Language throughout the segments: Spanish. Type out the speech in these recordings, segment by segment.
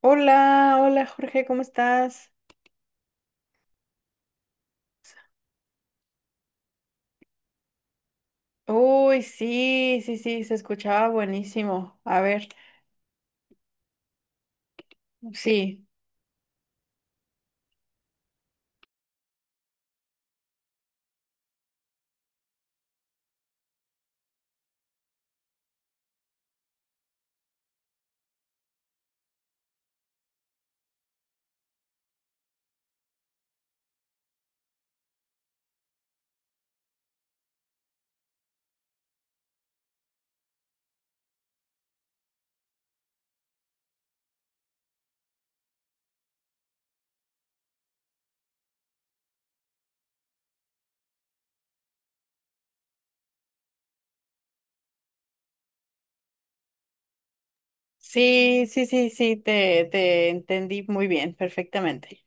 Hola, hola Jorge, ¿cómo estás? Uy, sí, sí, sí, se escuchaba buenísimo. A ver, sí, sí, sí, sí, sí, te entendí muy bien, perfectamente.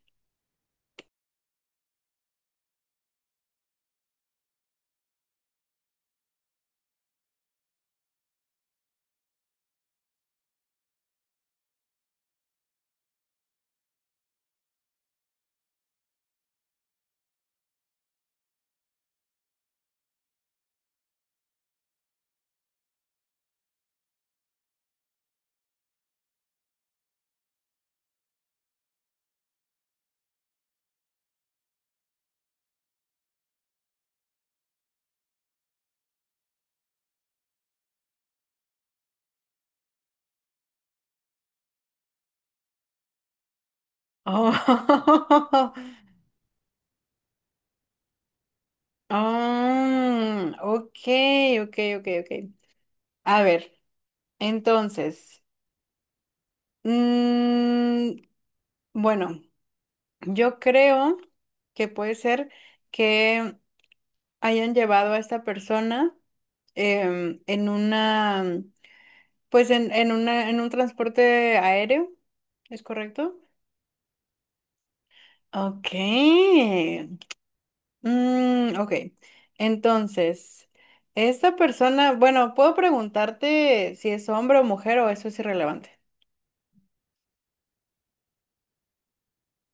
Oh, mm, ok, ok, ok, ok. A ver, entonces, mm, bueno, yo creo que puede ser que hayan llevado a esta persona en una. Pues en una, en un transporte aéreo, ¿es correcto? Ok. Mm, ok. Entonces, esta persona, bueno, puedo preguntarte si es hombre o mujer o eso es irrelevante.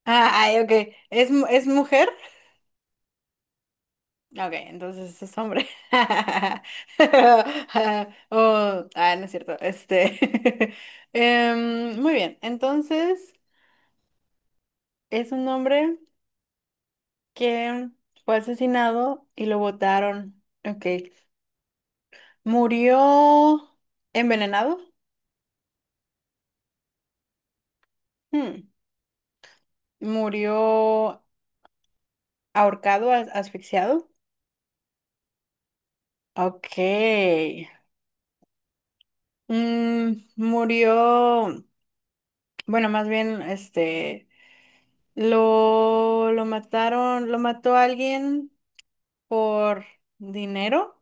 Ah, ay, ok. ¿Es, mu- es mujer? Ok, entonces es hombre. Ah, Oh, ah, no es cierto. Este. Muy bien. Entonces, ¿es un hombre que fue asesinado y lo botaron? Ok. Murió envenenado. Hmm. Murió ahorcado, as- asfixiado. Ok. Murió, bueno, más bien, lo mataron, lo mató alguien por dinero.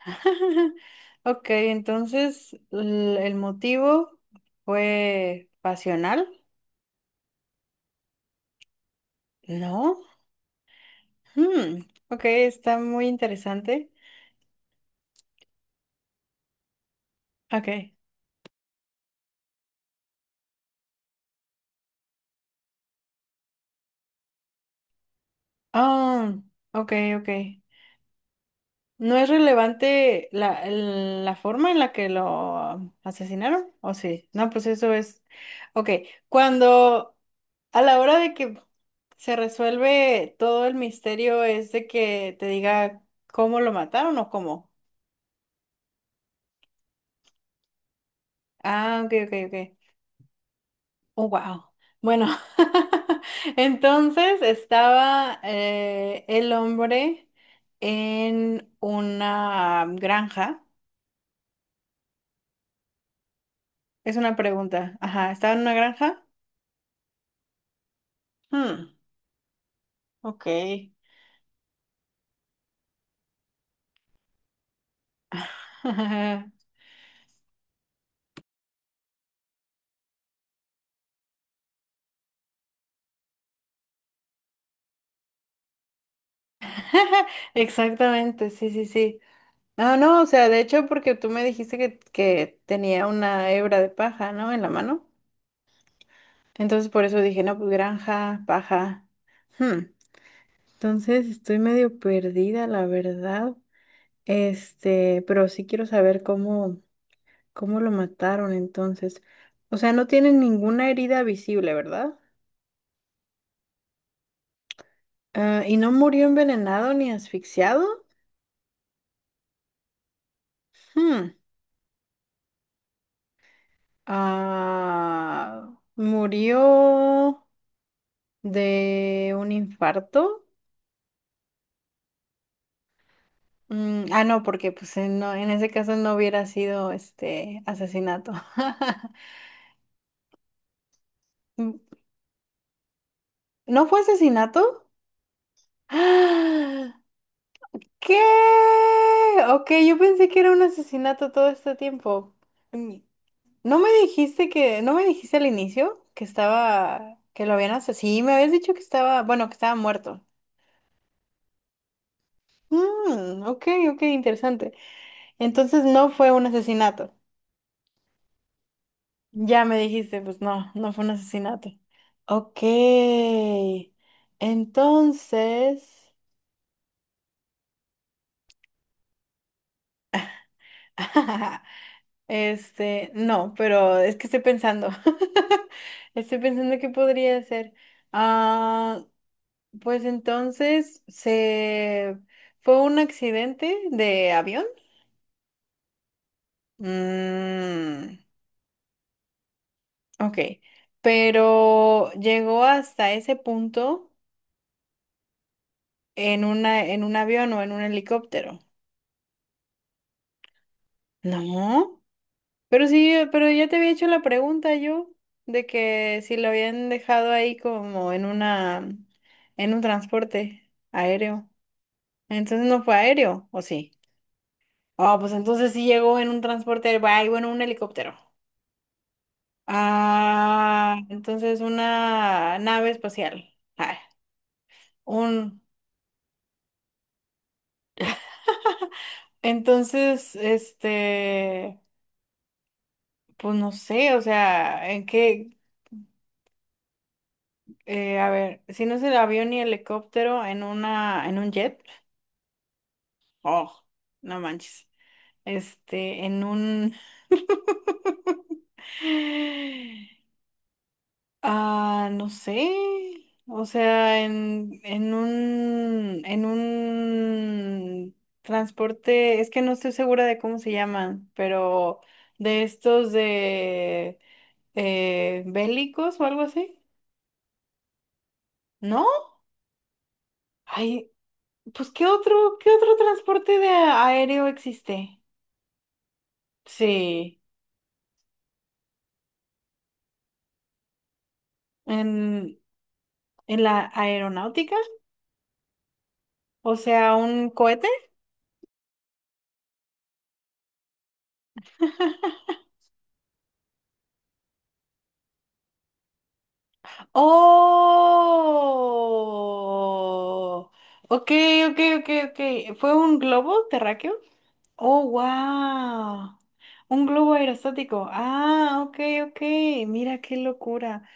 Ok, entonces l- el motivo fue pasional, ¿no? Hmm, ok, está muy interesante. Ok. Ah, ok, ok. ¿No es relevante la, el- la forma en la que lo asesinaron? ¿O sí? No, pues eso es. Ok, cuando a la hora de que se resuelve todo el misterio es de que te diga cómo lo mataron o cómo. Ah, ok, ok, ok. Oh, wow. Bueno, entonces estaba el hombre en una granja. Es una pregunta. Ajá, ¿estaba en una granja? Hmm, ok. Exactamente, sí, sí, sí. No, no, o sea, de hecho, porque tú me dijiste que tenía una hebra de paja, ¿no? En la mano. Entonces, por eso dije, no, pues granja, paja. Hmm. Entonces estoy medio perdida, la verdad. Este, pero sí quiero saber cómo, cómo lo mataron entonces. O sea, no tiene ninguna herida visible, ¿verdad? Ah, ¿y no murió envenenado ni asfixiado? Hmm. Ah, ¿murió de un infarto? Mm, ah, no, porque pues no, en ese caso no hubiera sido este asesinato. Mm, ¿no fue asesinato? ¿Qué? Ok, yo pensé que era un asesinato todo este tiempo. Mm, ¿no me dijiste que, no me dijiste al inicio que estaba, que lo habían asesinado? Sí, me habías dicho que estaba, bueno, que estaba muerto. Mm, ok, ok, interesante. Entonces no fue un asesinato. Ya me dijiste, pues no, no fue un asesinato. Ok, entonces… Este, no, pero es que estoy pensando. Estoy pensando qué podría hacer. Ah, pues entonces se fue un accidente de avión. Mm, ok. Pero llegó hasta ese punto en una, en un avión o en un helicóptero. No. Pero sí, pero ya te había hecho la pregunta yo de que si lo habían dejado ahí como en una, en un transporte aéreo. Entonces no fue aéreo, ¿o sí? Ah, pues entonces sí llegó en un transporte aéreo, ay, bueno, un helicóptero. Ah, entonces una nave espacial. Ah, un, entonces, este, pues no sé, o sea, ¿en qué? A ver, si no es el avión ni helicóptero, en una, en un jet. Oh, no manches. Este, en un… Ah, no sé. O sea, en un… En un transporte… Es que no estoy segura de cómo se llaman, pero de estos de… bélicos o algo así. ¿No? Ay, pues qué otro transporte de aéreo existe? Sí. En, en la aeronáutica. O sea, un cohete. Oh, ok, ok, ok, ok. ¿Fue un globo terráqueo? Oh, wow. Un globo aerostático. Ah, ok, ok. Mira qué locura.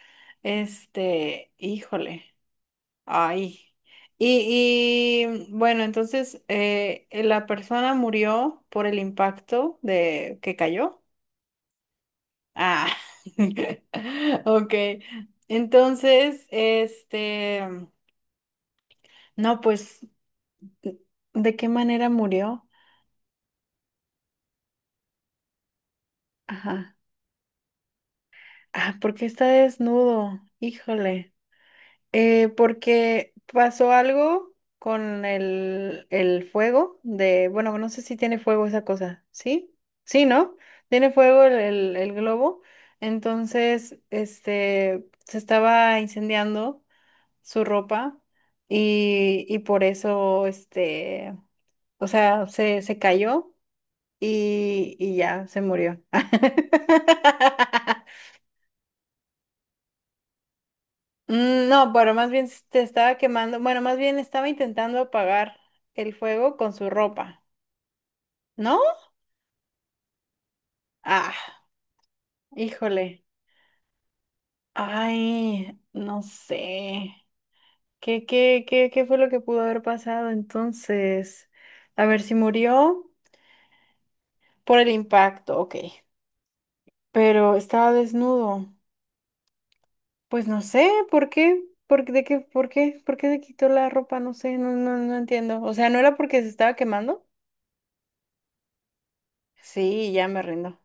Este, híjole. Ay. Y bueno, entonces la persona murió por el impacto de que cayó. Ah, ok. Entonces, este, no, pues, ¿de qué manera murió? Ajá. ¿Ah, porque está desnudo? Híjole. Porque pasó algo con el fuego de, bueno, no sé si tiene fuego esa cosa, ¿sí? Sí, ¿no? Tiene fuego el, el globo. Entonces, este, se estaba incendiando su ropa y por eso, este, o sea, se cayó y ya se murió. Mm, no, pero más bien te estaba quemando, bueno, más bien estaba intentando apagar el fuego con su ropa, ¿no? Ah, híjole. Ay, no sé. ¿Qué, qué, qué, qué fue lo que pudo haber pasado entonces? A ver si murió por el impacto, ok. Pero estaba desnudo. Pues no sé, ¿por qué? ¿Por qué? ¿De qué? ¿Por qué? ¿Por qué se quitó la ropa? No sé, no, no, no entiendo. O sea, ¿no era porque se estaba quemando? Sí, ya me rindo.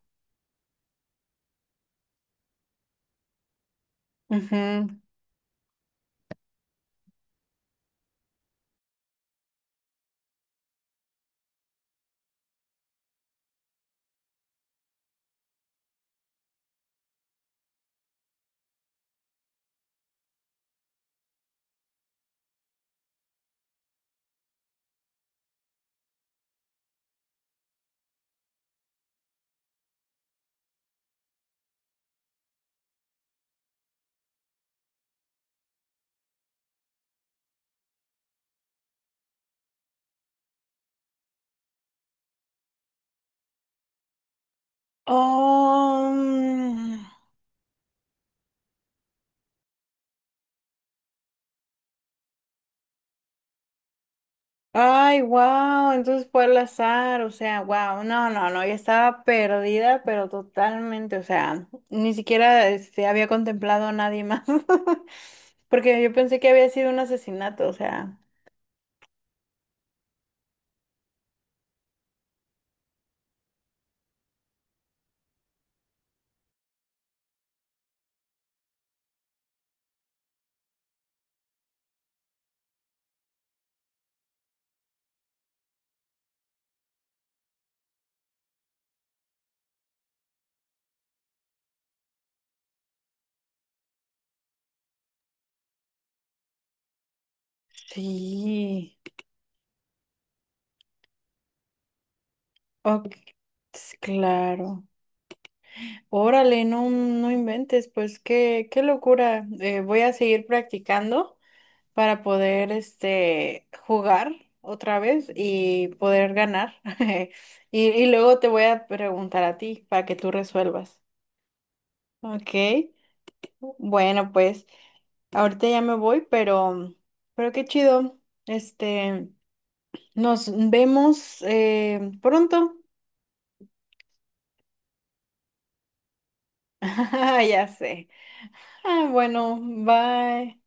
Ujú. Oh, mm. Ay, wow, entonces fue al azar, o sea, wow, no, no, no, ya estaba perdida, pero totalmente, o sea, ni siquiera este, había contemplado a nadie más, porque yo pensé que había sido un asesinato, o sea, sí. Ok, s- claro. Órale, no, no inventes, pues qué, qué locura. Voy a seguir practicando para poder este jugar otra vez y poder ganar. Y, y luego te voy a preguntar a ti para que tú resuelvas. Ok. Bueno, pues ahorita ya me voy, pero qué chido. Este, nos vemos pronto. Ya sé. Ah, bueno, bye.